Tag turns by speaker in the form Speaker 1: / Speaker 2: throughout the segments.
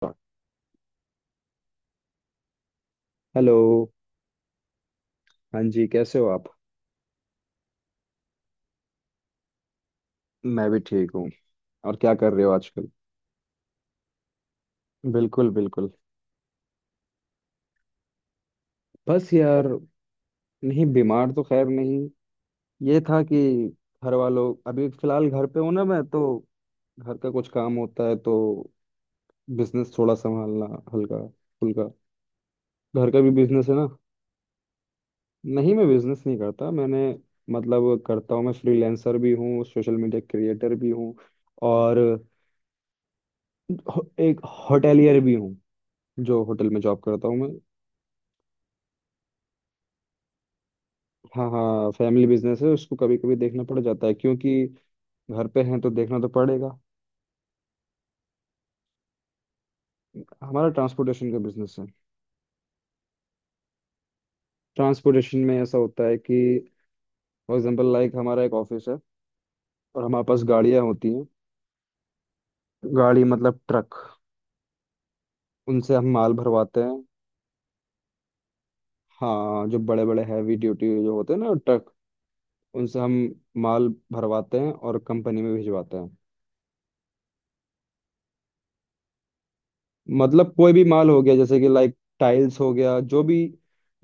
Speaker 1: start। Hello. हाँ जी, कैसे हो आप? मैं भी ठीक हूँ। और क्या कर रहे हो आजकल? बिल्कुल बिल्कुल। बस यार। नहीं, बीमार तो खैर नहीं। ये था कि घर वालों, अभी फिलहाल घर पे हूँ ना मैं तो। घर का कुछ काम होता है, तो बिजनेस थोड़ा संभालना, हल्का फुल्का। घर का भी बिजनेस है ना। नहीं, मैं बिजनेस नहीं करता। मैंने मतलब करता हूँ, मैं फ्रीलांसर भी हूँ, सोशल मीडिया क्रिएटर भी हूँ और एक होटेलियर भी हूँ। जो होटल में जॉब करता हूँ मैं। हाँ हाँ, फैमिली बिजनेस है, उसको कभी कभी देखना पड़ जाता है, क्योंकि घर पे हैं तो देखना तो पड़ेगा। हमारा ट्रांसपोर्टेशन का बिजनेस है। ट्रांसपोर्टेशन में ऐसा होता है कि फॉर एग्जांपल लाइक हमारा एक ऑफिस है और हमारे पास गाड़ियाँ होती हैं। गाड़ी मतलब ट्रक। उनसे हम माल भरवाते हैं। हाँ, जो बड़े बड़े हैवी ड्यूटी जो होते हैं ना ट्रक, उनसे हम माल भरवाते हैं और कंपनी में भिजवाते हैं। मतलब कोई भी माल हो गया, जैसे कि लाइक टाइल्स हो गया, जो भी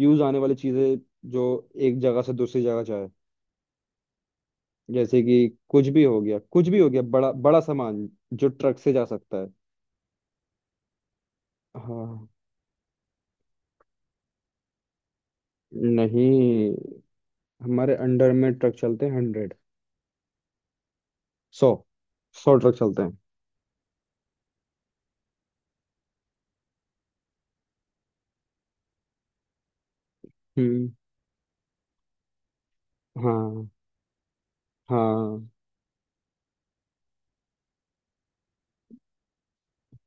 Speaker 1: यूज आने वाली चीज़ें, जो एक जगह से दूसरी जगह जाए। जैसे कि कुछ भी हो गया, कुछ भी हो गया, बड़ा बड़ा सामान जो ट्रक से जा सकता है। हाँ। नहीं, हमारे अंडर में ट्रक चलते हैं। 100, 100 100 ट्रक चलते हैं। हम्म। हाँ हाँ,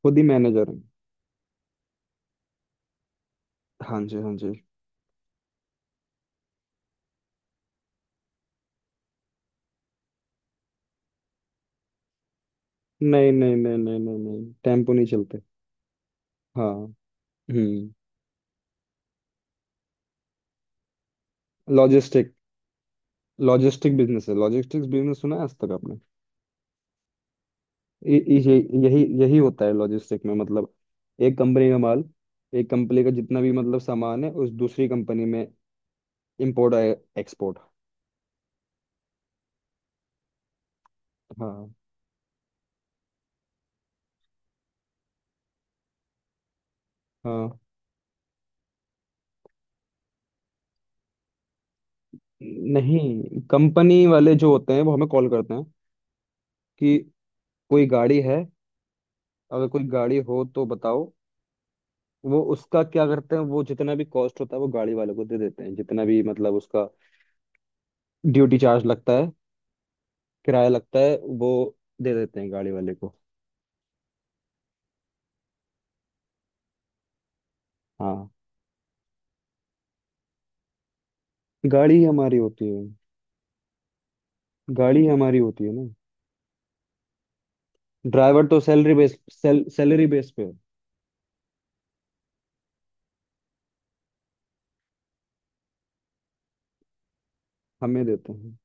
Speaker 1: खुद ही मैनेजर हैं। हाँ जी हाँ जी। नहीं नहीं नहीं नहीं नहीं नहीं, टेम्पो नहीं चलते। हाँ। हम्म। लॉजिस्टिक, लॉजिस्टिक बिजनेस है, लॉजिस्टिक्स बिजनेस सुना है आज तक आपने? ये- यही यही होता है लॉजिस्टिक में, मतलब एक कंपनी का माल, एक कंपनी का जितना भी मतलब सामान है, उस दूसरी कंपनी में इंपोर्ट एक्सपोर्ट। हाँ हाँ। नहीं, कंपनी वाले जो होते हैं वो हमें कॉल करते हैं कि कोई गाड़ी है, अगर कोई गाड़ी हो तो बताओ। वो उसका क्या करते हैं, वो जितना भी कॉस्ट होता है वो गाड़ी वाले को दे देते हैं, जितना भी मतलब उसका ड्यूटी चार्ज लगता है, किराया लगता है, वो दे देते हैं गाड़ी वाले को। हाँ, गाड़ी ही हमारी होती है। गाड़ी हमारी होती है ना। ड्राइवर तो सैलरी बेस पे। हमें देते हैं।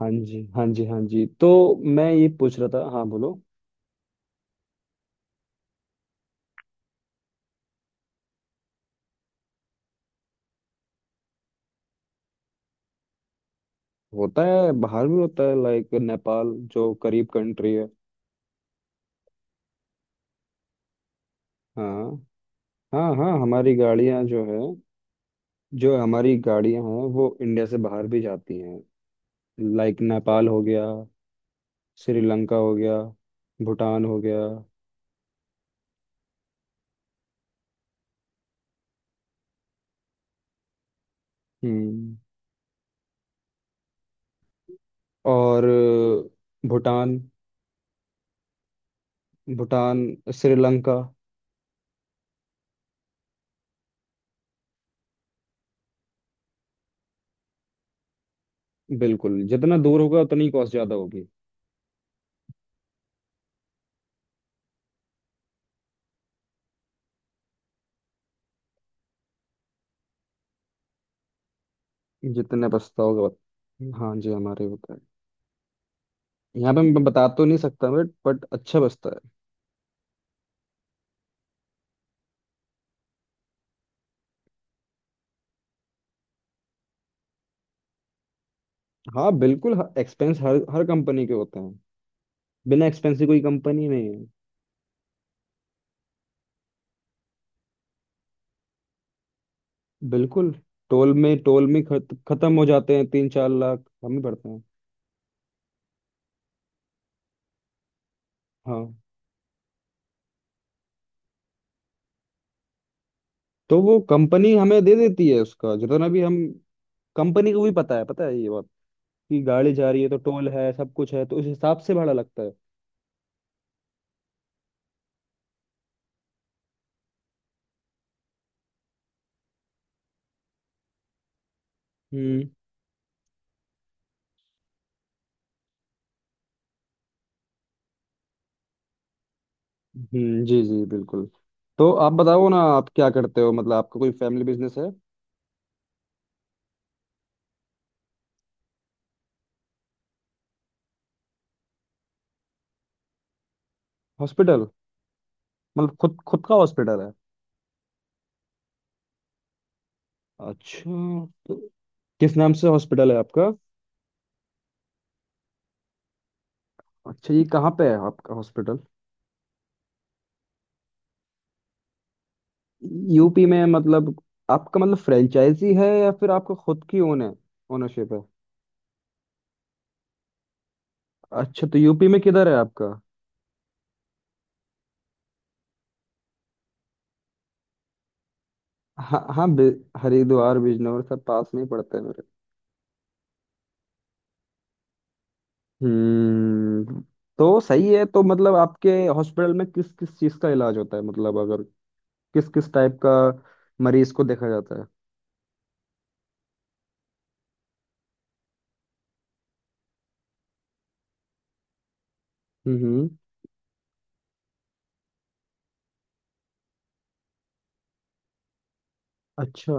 Speaker 1: हाँ जी हाँ जी हाँ जी। तो मैं ये पूछ रहा था, हाँ बोलो। होता है, बाहर भी होता है, लाइक नेपाल जो करीब कंट्री है। हाँ हाँ हाँ, हमारी गाड़ियाँ जो है, जो हमारी गाड़ियाँ हैं, वो इंडिया से बाहर भी जाती हैं। लाइक नेपाल हो गया, श्रीलंका हो गया, भूटान हो गया। हम्म। और भूटान, भूटान, श्रीलंका। बिल्कुल, जितना दूर होगा उतनी कॉस्ट ज्यादा होगी। जितने बसता होगा हाँ जी, हमारे होता है। यहाँ पे मैं बता तो नहीं सकता, बट अच्छा बसता है। हाँ बिल्कुल, एक्सपेंस हर हर कंपनी के होते हैं। बिना एक्सपेंस की कोई कंपनी नहीं है। बिल्कुल। टोल में खत्म हो जाते हैं 3-4 लाख, हम ही पड़ते हैं। हाँ। तो वो कंपनी हमें दे देती है, उसका जितना भी हम। कंपनी को भी पता है, पता है ये बात, कि गाड़ी जा रही है तो टोल है सब कुछ है, तो उस हिसाब से भाड़ा लगता है। हम्म। जी जी बिल्कुल। तो आप बताओ ना, आप क्या करते हो, मतलब आपका कोई फैमिली बिजनेस है? हॉस्पिटल? मतलब खुद खुद का हॉस्पिटल है? अच्छा। तो किस नाम से हॉस्पिटल है आपका? अच्छा, ये कहाँ पे है आपका हॉस्पिटल? यूपी में, मतलब आपका मतलब फ्रेंचाइजी है या फिर आपका खुद की ओन है, ओनरशिप है? अच्छा, तो यूपी में किधर है आपका? हाँ हाँ, हरिद्वार, बिजनौर सब पास में ही पड़ते हैं मेरे। हम्म। तो सही है। तो मतलब आपके हॉस्पिटल में किस किस चीज का इलाज होता है, मतलब अगर, किस किस टाइप का मरीज को देखा जाता है? हम्म। अच्छा।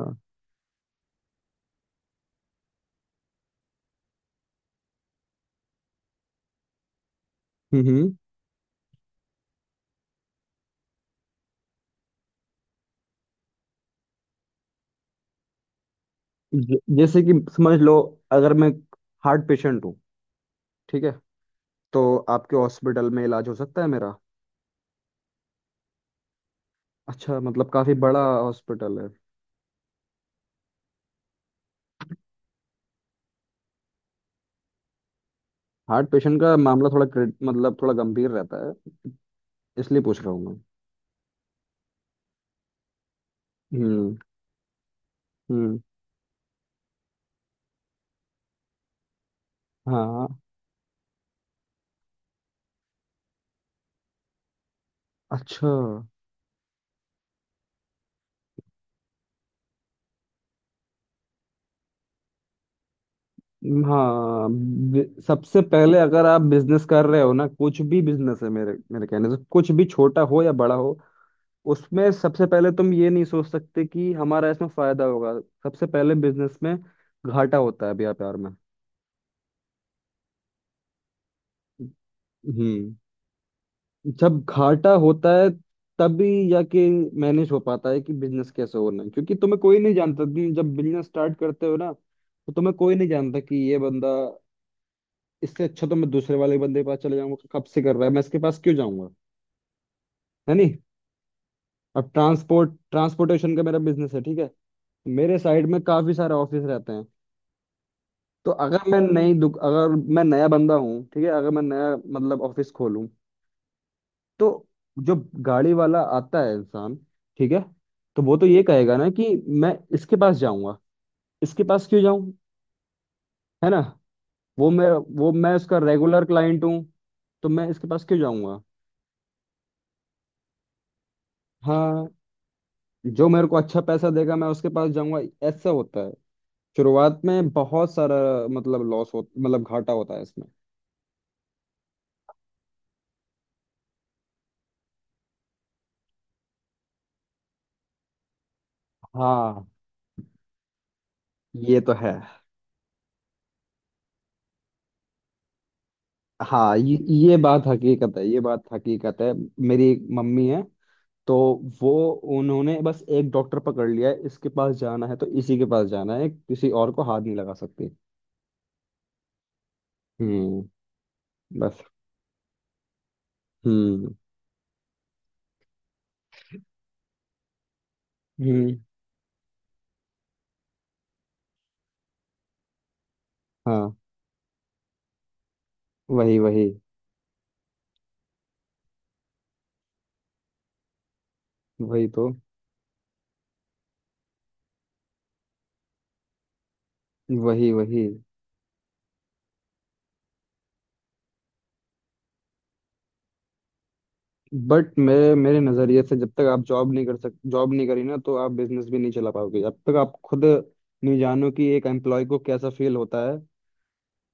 Speaker 1: हम्म। जैसे कि समझ लो, अगर मैं हार्ट पेशेंट हूँ, ठीक है, तो आपके हॉस्पिटल में इलाज हो सकता है मेरा? अच्छा, मतलब काफी बड़ा हॉस्पिटल है। हार्ट पेशेंट का मामला थोड़ा मतलब थोड़ा गंभीर रहता है, इसलिए पूछ रहा हूँ मैं। हम्म हम्म। हाँ। अच्छा। हाँ, सबसे पहले अगर आप बिजनेस कर रहे हो ना, कुछ भी बिजनेस है, मेरे मेरे कहने से, कुछ भी छोटा हो या बड़ा हो, उसमें सबसे पहले तुम ये नहीं सोच सकते कि हमारा इसमें फायदा होगा। सबसे पहले बिजनेस में घाटा होता है, व्यापार में। हम्म। जब घाटा होता है, तभी जाके मैनेज हो पाता है कि बिजनेस कैसे होना है, क्योंकि तुम्हें कोई नहीं जानता। तुम जब बिजनेस स्टार्ट करते हो ना, तो तुम्हें कोई नहीं जानता कि ये बंदा, इससे अच्छा तो मैं दूसरे वाले बंदे के पास चले जाऊंगा, कब से कर रहा है, मैं इसके पास क्यों जाऊंगा? है नहीं अब ट्रांसपोर्टेशन का मेरा बिजनेस है, ठीक है। मेरे साइड में काफी सारे ऑफिस रहते हैं। तो अगर मैं नई दुक अगर मैं नया बंदा हूँ, ठीक है, अगर मैं नया मतलब ऑफिस खोलूँ, तो जो गाड़ी वाला आता है इंसान, ठीक है, तो वो तो ये कहेगा ना कि मैं इसके पास जाऊंगा, इसके पास क्यों जाऊं? है ना? वो मैं वो मैं उसका रेगुलर क्लाइंट हूँ, तो मैं इसके पास क्यों जाऊंगा? हाँ, जो मेरे को अच्छा पैसा देगा मैं उसके पास जाऊंगा, ऐसा होता है। शुरुआत में बहुत सारा मतलब लॉस हो, मतलब घाटा होता है इसमें। हाँ। ये तो है। हाँ, ये बात हकीकत है, ये बात हकीकत है। मेरी एक मम्मी है, तो वो, उन्होंने बस एक डॉक्टर पकड़ लिया है, इसके पास जाना है तो इसी के पास जाना है, किसी और को हाथ नहीं लगा सकती। हम्म। बस। हम्म हम्म। हाँ। वही वही। वही तो। वही वही। बट मेरे मेरे नजरिए से, जब तक आप जॉब नहीं करी ना, तो आप बिजनेस भी नहीं चला पाओगे, जब तक आप खुद नहीं जानो कि एक एम्प्लॉय को कैसा फील होता है।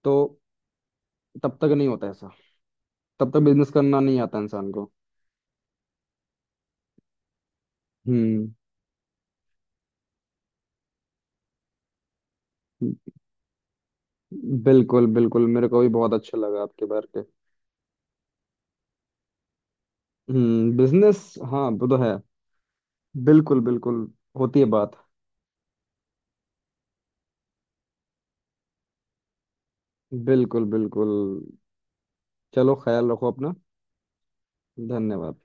Speaker 1: तो तब तक नहीं होता ऐसा, तब तक बिजनेस करना नहीं आता इंसान को। हम्म। बिल्कुल बिल्कुल, मेरे को भी बहुत अच्छा लगा आपके बारे के। हम्म, बिजनेस, हाँ, वो तो है। बिल्कुल बिल्कुल। होती है बात। बिल्कुल बिल्कुल। चलो, ख्याल रखो अपना। धन्यवाद।